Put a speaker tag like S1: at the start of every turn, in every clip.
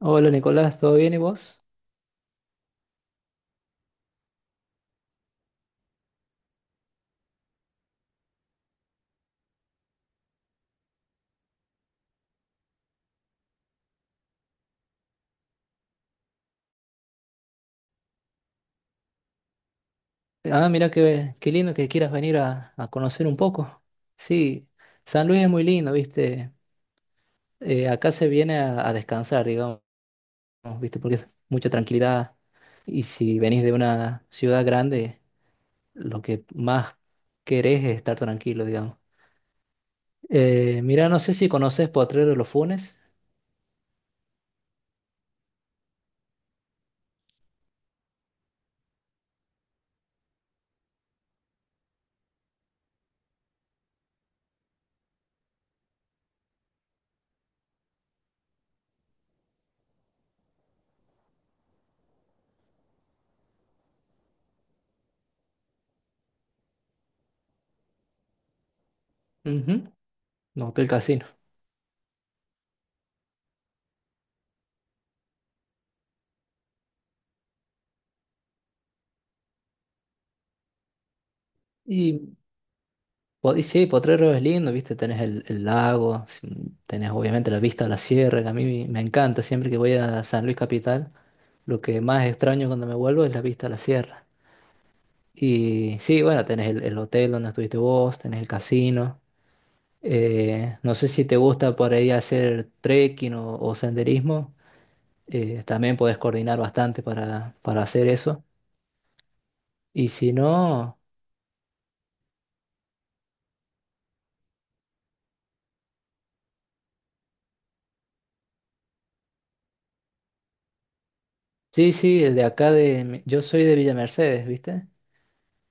S1: Hola Nicolás, ¿todo bien y vos? Ah, mira qué lindo que quieras venir a conocer un poco. Sí, San Luis es muy lindo, ¿viste? Acá se viene a descansar, digamos, ¿viste? Porque es mucha tranquilidad. Y si venís de una ciudad grande, lo que más querés es estar tranquilo, digamos. Mira, no sé si conoces Potrero de los Funes. Ujú, no, Hotel Casino. Y y sí, Potrero es lindo, viste, tenés el lago, tenés obviamente la vista a la sierra, que a mí me encanta, siempre que voy a San Luis Capital, lo que más extraño cuando me vuelvo es la vista a la sierra. Y sí, bueno, tenés el hotel donde estuviste vos, tenés el casino. No sé si te gusta por ahí hacer trekking o senderismo. También podés coordinar bastante para hacer eso. Y si no, sí, sí, de acá de, mi- yo soy de Villa Mercedes, viste.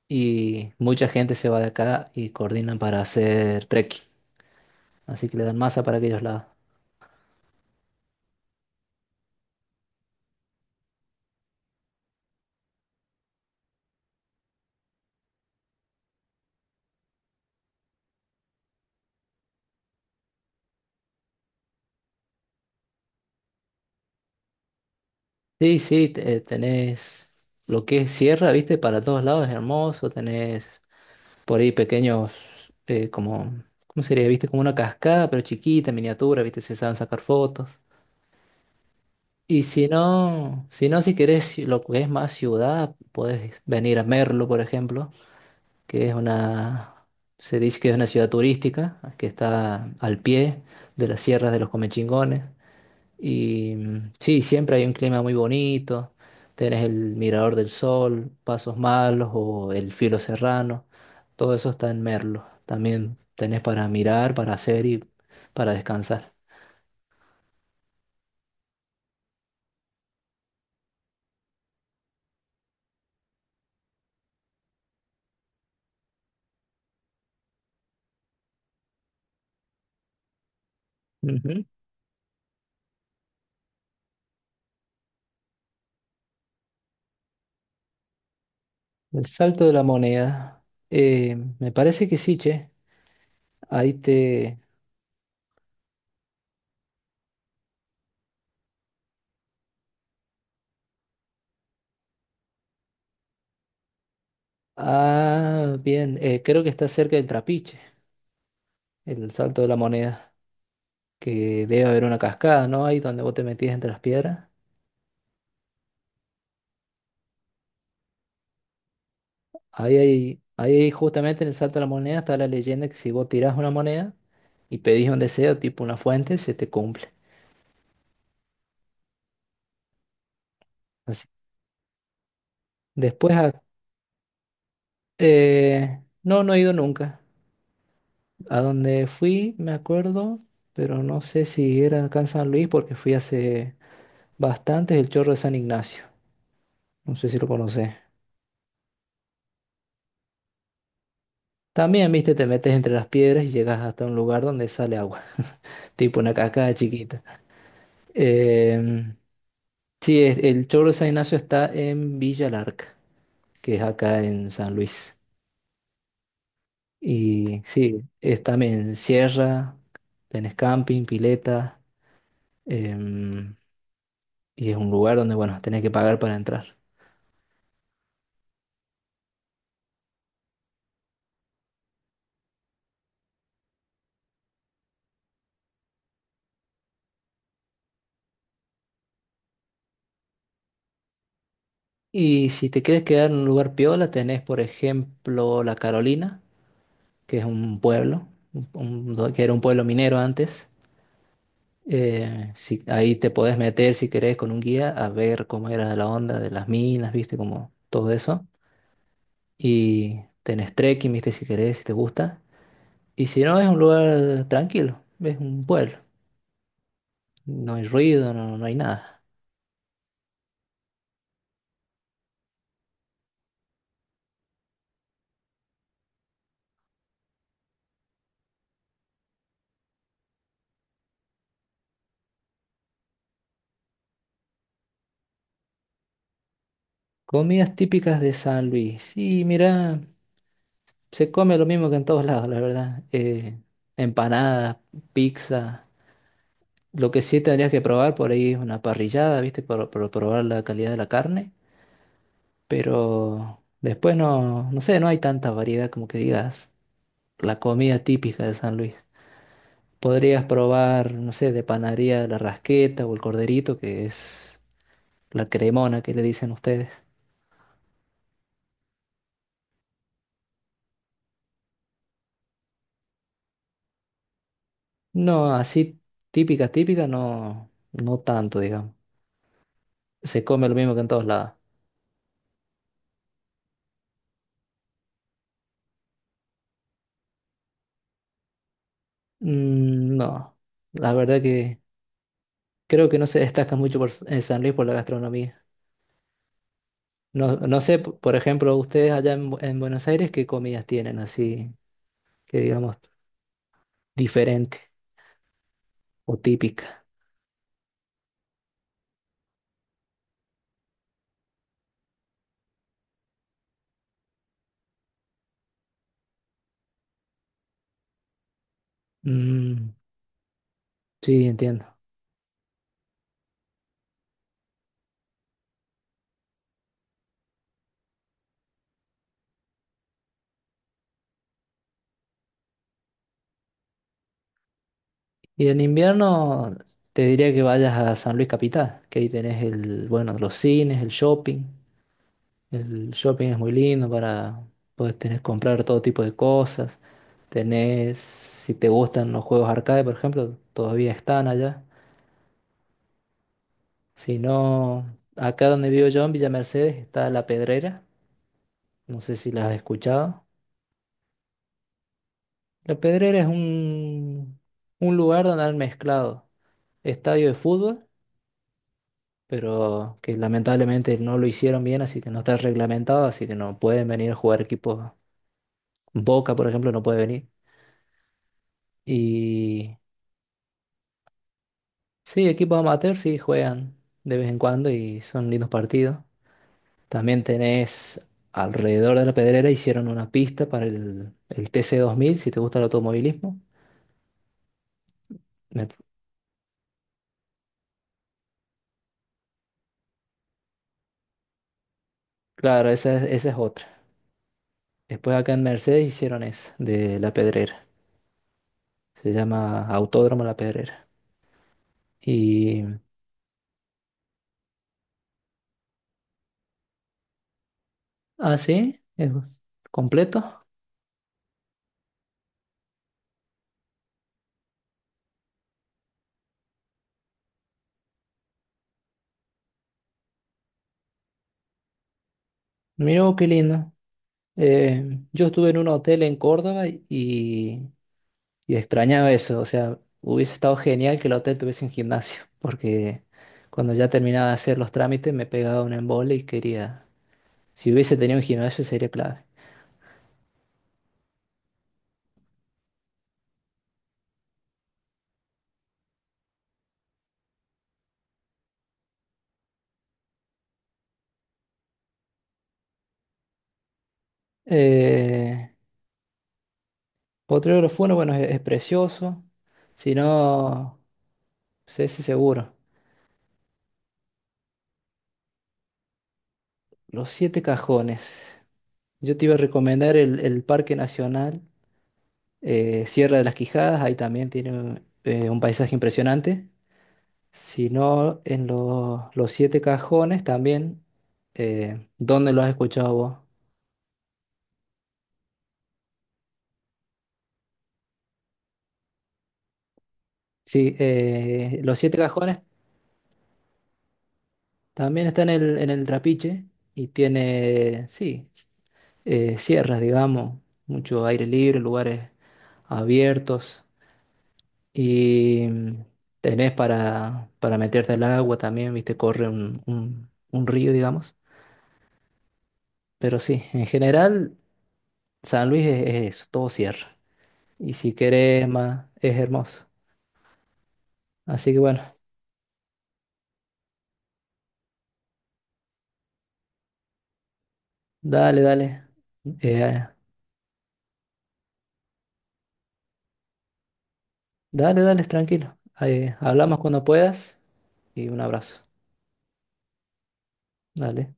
S1: Y mucha gente se va de acá y coordinan para hacer trekking. Así que le dan masa para aquellos lados. Sí, sí, tenés lo que es sierra, viste, para todos lados es hermoso. Tenés por ahí pequeños, como, ¿cómo sería? Viste, como una cascada, pero chiquita, miniatura, viste, se saben sacar fotos. Y si no, si no, si querés lo que es más ciudad, podés venir a Merlo, por ejemplo, que es una, se dice que es una ciudad turística, que está al pie de las sierras de los Comechingones. Sí, siempre hay un clima muy bonito, tenés el Mirador del Sol, Pasos Malos o el Filo Serrano, todo eso está en Merlo. También tenés para mirar, para hacer y para descansar. Ujú. El Salto de la Moneda. Me parece que sí, che. Ahí te... Ah, bien, creo que está cerca del Trapiche. El salto de la moneda, que debe haber una cascada, ¿no? Ahí donde vos te metías entre las piedras. Ahí, justamente en el salto de la moneda está la leyenda que si vos tirás una moneda y pedís un deseo, tipo una fuente, se te cumple. Así. Después, no, no he ido nunca. A donde fui, me acuerdo, pero no sé si era acá en San Luis porque fui hace bastante, el Chorro de San Ignacio. No sé si lo conocés. También, viste, te metes entre las piedras y llegas hasta un lugar donde sale agua, tipo una cascada chiquita. Em, sí, el Choro San Ignacio está en Villa Larca, que es acá en San Luis. Y sí, es también sierra, tenés camping, pileta, em, y es un lugar donde, bueno, tenés que pagar para entrar. Y si te quieres quedar en un lugar piola, tenés, por ejemplo, La Carolina, que es un pueblo, que era un pueblo minero antes. Si, ahí te podés meter si querés con un guía a ver cómo era la onda de las minas, viste, como todo eso. Y tenés trekking, viste, si querés, si te gusta. Y si no, es un lugar tranquilo, es un pueblo. No hay ruido, no, no hay nada. Comidas típicas de San Luis. Y mira, se come lo mismo que en todos lados, la verdad. Empanadas, pizza. Lo que sí tendrías que probar por ahí es una parrillada, viste, para probar la calidad de la carne. Pero después no, no sé, no hay tanta variedad como que digas la comida típica de San Luis. Podrías probar, no sé, de panadería la rasqueta o el corderito, que es la cremona que le dicen ustedes. No, así típica, típica, no, no tanto, digamos. Se come lo mismo que en todos lados. Mm, no, la verdad que creo que no se destaca mucho en San Luis por la gastronomía. No, no sé, por ejemplo, ustedes allá en Buenos Aires, ¿qué comidas tienen así? Que digamos, diferente o típica. Mm, sí, entiendo. Y en invierno te diría que vayas a San Luis Capital, que ahí tenés bueno, los cines, el shopping. El shopping es muy lindo para poder tener, comprar todo tipo de cosas. Tenés, si te gustan los juegos arcade, por ejemplo, todavía están allá. Si no, acá donde vivo yo, en Villa Mercedes, está La Pedrera. No sé si las has escuchado. La Pedrera es un lugar donde han mezclado estadio de fútbol, pero que lamentablemente no lo hicieron bien, así que no está reglamentado, así que no pueden venir a jugar equipos. Boca, por ejemplo, no puede venir. Y sí, equipos amateur sí juegan de vez en cuando y son lindos partidos. También tenés alrededor de la Pedrera hicieron una pista para el TC 2000, si te gusta el automovilismo. Me- claro, esa es otra. Después acá en Mercedes hicieron esa de la Pedrera. Se llama Autódromo La Pedrera. Y Ah, sí, es completo. Mira, qué lindo. Yo estuve en un hotel en Córdoba y extrañaba eso. O sea, hubiese estado genial que el hotel tuviese un gimnasio, porque cuando ya terminaba de hacer los trámites me pegaba un embole y quería... Si hubiese tenido un gimnasio sería clave. Eh, Potrero Funes, bueno, es precioso. Si no, sé si seguro. Los Siete Cajones. Yo te iba a recomendar el Parque Nacional. Sierra de las Quijadas, ahí también tiene un paisaje impresionante. Si no, en los siete cajones también. ¿Dónde lo has escuchado vos? Sí, los siete cajones también están en el Trapiche y tiene, sí, sierras, digamos, mucho aire libre, lugares abiertos y tenés para meterte al agua también, viste, corre un río, digamos. Pero sí, en general San Luis es eso, todo cierra. Y si querés más, es hermoso. Así que bueno, dale, dale. eh, Dale, dale, tranquilo. Hablamos cuando puedas y un abrazo. Dale.